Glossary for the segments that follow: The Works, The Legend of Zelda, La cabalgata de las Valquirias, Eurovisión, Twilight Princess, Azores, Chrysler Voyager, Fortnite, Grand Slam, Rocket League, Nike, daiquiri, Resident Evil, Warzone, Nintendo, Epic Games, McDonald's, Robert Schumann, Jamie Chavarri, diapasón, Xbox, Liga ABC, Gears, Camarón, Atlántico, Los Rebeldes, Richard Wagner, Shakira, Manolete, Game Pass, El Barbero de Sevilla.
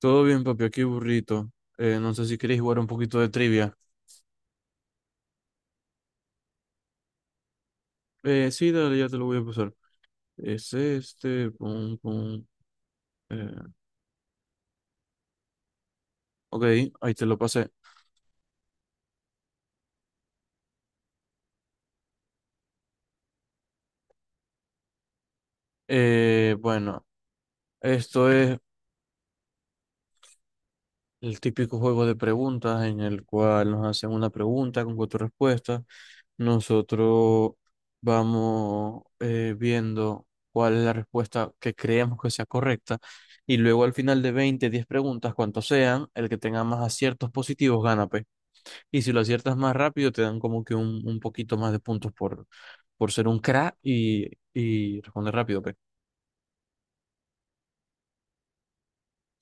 Todo bien, papi, aquí burrito. No sé si queréis jugar un poquito de trivia. Sí, dale, ya te lo voy a pasar. Es este, pum, pum. eh, ok, ahí te lo pasé. Bueno, esto es el típico juego de preguntas en el cual nos hacen una pregunta con cuatro respuestas. Nosotros vamos, viendo cuál es la respuesta que creemos que sea correcta. Y luego al final de 20 10 preguntas, cuantos sean, el que tenga más aciertos positivos gana, pues. Y si lo aciertas más rápido, te dan como que un poquito más de puntos por ser un crack y responder rápido,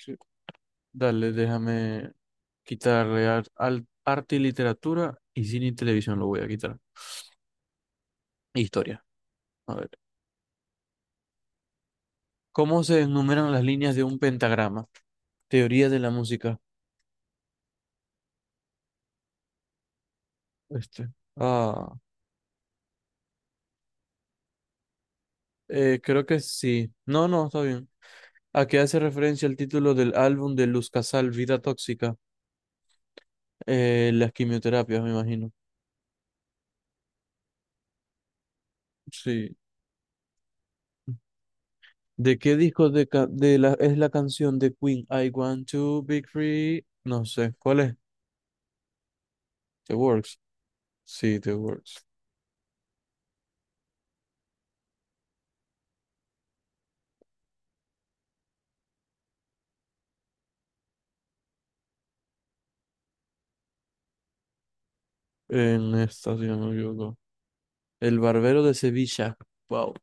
pues. Dale, déjame quitarle al arte y literatura y cine y televisión lo voy a quitar. Historia. A ver. ¿Cómo se enumeran las líneas de un pentagrama? Teoría de la música. Este. Ah, creo que sí. No, no, está bien. ¿A qué hace referencia el título del álbum de Luz Casal, Vida Tóxica? Las quimioterapias, me imagino. Sí. ¿De qué disco de, ca- de la, es la canción de Queen? I want to be free. No sé. ¿Cuál es? The Works. Sí, The Works. En esta, si no me equivoco. El Barbero de Sevilla. Wow.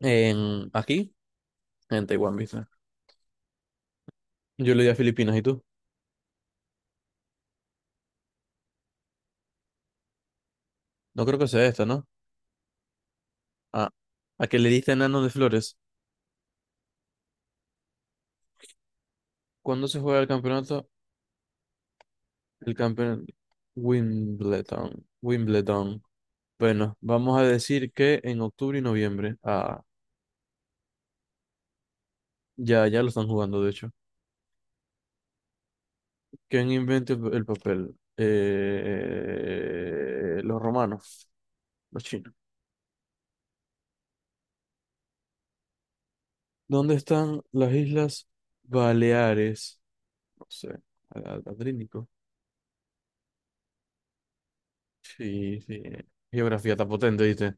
En, aquí, en Taiwán, ¿viste? Yo le di a Filipinas, ¿y tú? No creo que sea esta, ¿no? Ah, a que le diste enano de flores. ¿Cuándo se juega el campeonato? El campeón Wimbledon. Wimbledon. Bueno, vamos a decir que en octubre y noviembre. Ah, ya, ya lo están jugando, de hecho. ¿Quién inventó el papel? Los romanos, los chinos. ¿Dónde están las Islas Baleares? No sé, Adriático. Sí, sí. Geografía está potente, ¿viste?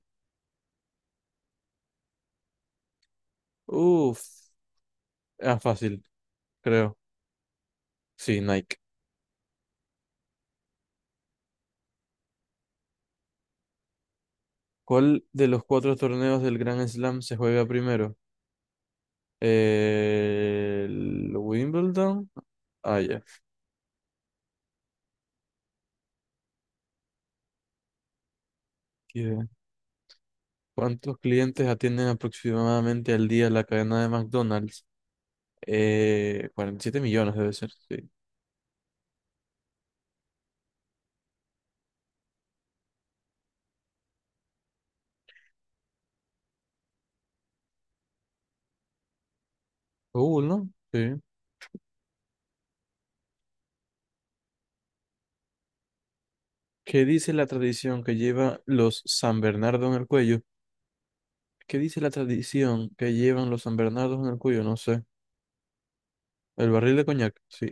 Uf, era fácil, creo. Sí, Nike. ¿Cuál de los cuatro torneos del Grand Slam se juega primero? ¿El Wimbledon? Ah, ya. ¿Qué? ¿Cuántos clientes atienden aproximadamente al día la cadena de McDonald's? 47 millones debe ser, sí. Google, ¿no? Sí. ¿Qué dice la tradición que lleva los San Bernardo en el cuello? ¿Qué dice la tradición que llevan los San Bernardos en el cuello? No sé. El barril de coñac, sí.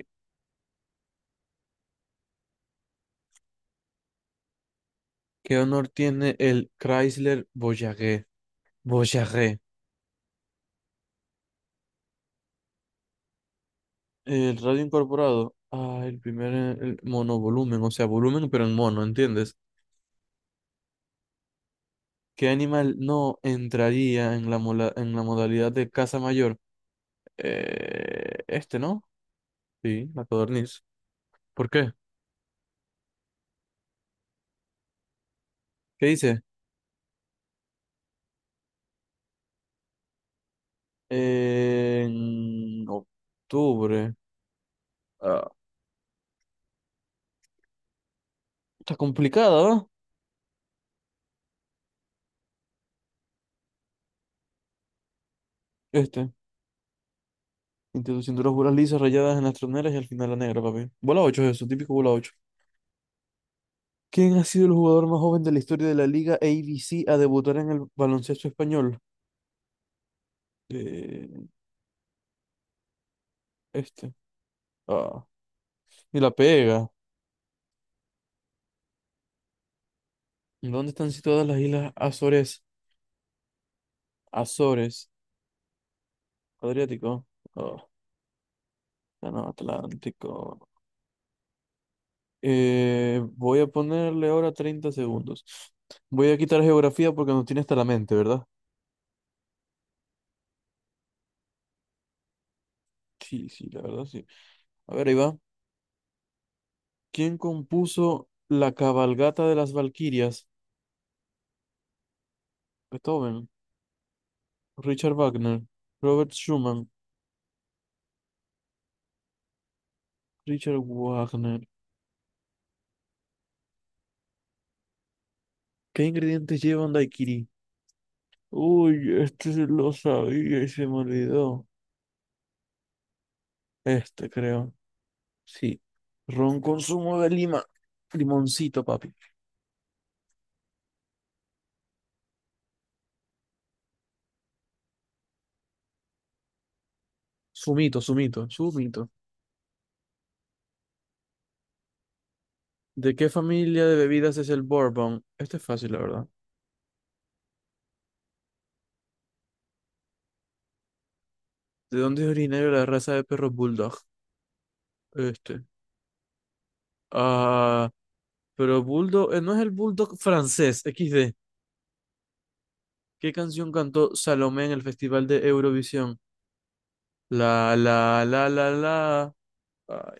¿Qué honor tiene el Chrysler Voyager? Voyager. El radio incorporado. Ah, el monovolumen, o sea, volumen pero en mono, ¿entiendes? ¿Qué animal no entraría en en la modalidad de caza mayor? Este, ¿no? Sí, la codorniz. ¿Por qué? ¿Qué dice? En octubre. Ah, está complicado, ¿verdad? Este. Introduciendo las bolas lisas rayadas en las troneras y al final la negra, papi. Bola 8 es eso, típico bola ocho. ¿Quién ha sido el jugador más joven de la historia de la Liga ABC a debutar en el baloncesto español? Eh, este. Ah, y la pega. ¿Dónde están situadas las islas Azores? Azores. Adriático. Ah, no, Atlántico. Voy a ponerle ahora 30 segundos. Voy a quitar geografía porque nos tiene hasta la mente, ¿verdad? Sí, sí, la verdad, sí. A ver, ahí va. ¿Quién compuso La cabalgata de las Valquirias? Beethoven, Richard Wagner, Robert Schumann, Richard Wagner. ¿Qué ingredientes llevan daiquiri? Uy, este sí lo sabía y se me olvidó. Este creo. Sí. Ron con zumo de lima. Limoncito, papi. Sumito, sumito, sumito. ¿De qué familia de bebidas es el bourbon? Este es fácil, la verdad. ¿De dónde es originario la raza de perro bulldog? Este. Ah, pero bulldog, no es el bulldog francés, XD. ¿Qué canción cantó Salomé en el Festival de Eurovisión? La, la, la, la, la. Ay,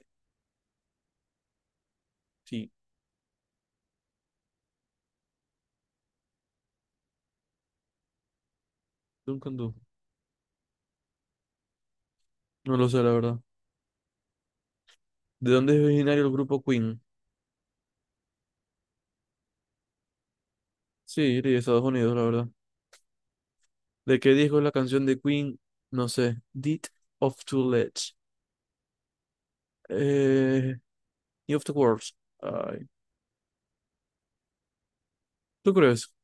sí, nunca anduvo. No lo sé, la verdad. ¿De dónde es originario el grupo Queen? Sí, de Estados Unidos, la verdad. ¿De qué disco es la canción de Queen? No sé. Deed of Two Legs. Eh, Need of the World. ¿Tú crees?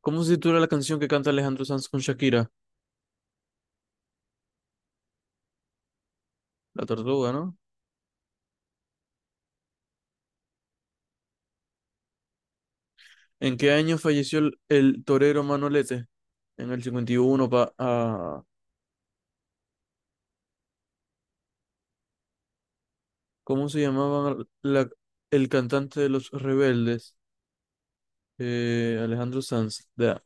¿Cómo se titula la canción que canta Alejandro Sanz con Shakira? La Tortuga, ¿no? ¿En qué año falleció el torero Manolete? En el 51, pa, ah, ¿cómo se llamaba la- el cantante de Los Rebeldes? Alejandro Sanz. Da.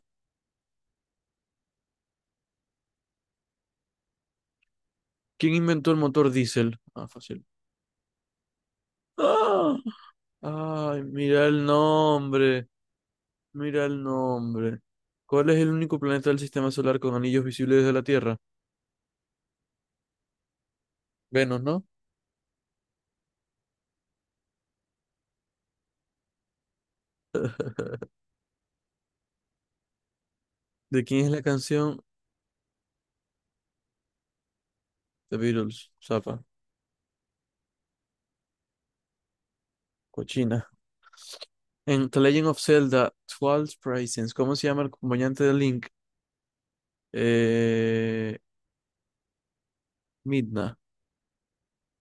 ¿Quién inventó el motor diésel? Ah, fácil. ¡Ah! Ay, mira el nombre, mira el nombre. ¿Cuál es el único planeta del sistema solar con anillos visibles desde la Tierra? Venus, ¿no? ¿De quién es la canción The Beatles, Zapa, cochina. En The Legend of Zelda, Twilight Princess, ¿cómo se llama el acompañante de Link? Eh, Midna.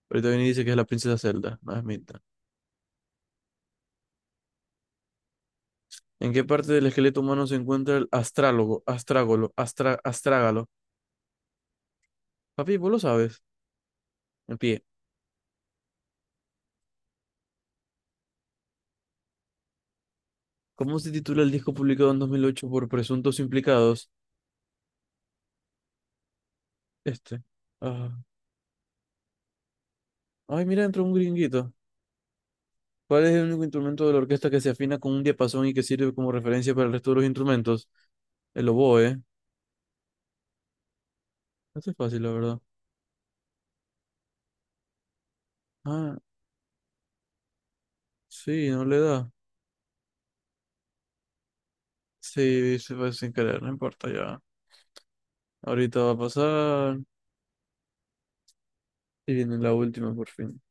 Ahorita viene y dice que es la princesa Zelda, no es Midna. ¿En qué parte del esqueleto humano se encuentra el astrágalo? Papi, vos lo sabes. En pie. ¿Cómo se titula el disco publicado en 2008 por presuntos implicados? Este. Ah. Ay, mira, entró un gringuito. ¿Cuál es el único instrumento de la orquesta que se afina con un diapasón y que sirve como referencia para el resto de los instrumentos? El oboe. Este es fácil, la verdad. Ah, sí, no le da. Sí, se fue sin querer, no importa ya. Ahorita va a pasar. Y viene la última por fin.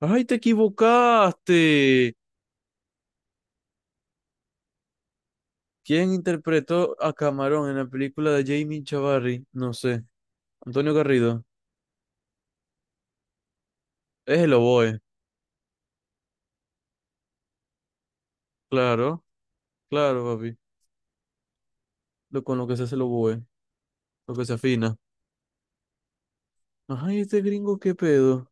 ¡Ay, te equivocaste! ¿Quién interpretó a Camarón en la película de Jamie Chavarri? No sé. Antonio Garrido. Es el oboe. Claro, claro, papi. Lo, con lo que se hace el oboe. Lo que se afina. ¡Ay, este gringo, qué pedo!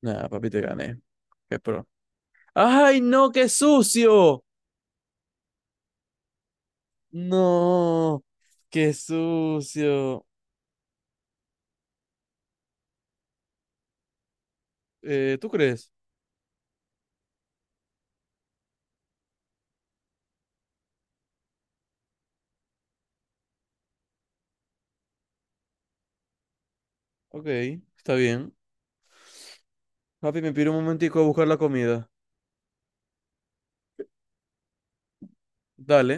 Nada, papi, te gané. Qué pro. ¡Ay, no, qué sucio! No, qué sucio. ¿Tú crees? Ok, está bien. Papi, me pido un momentico a buscar la comida. Dale.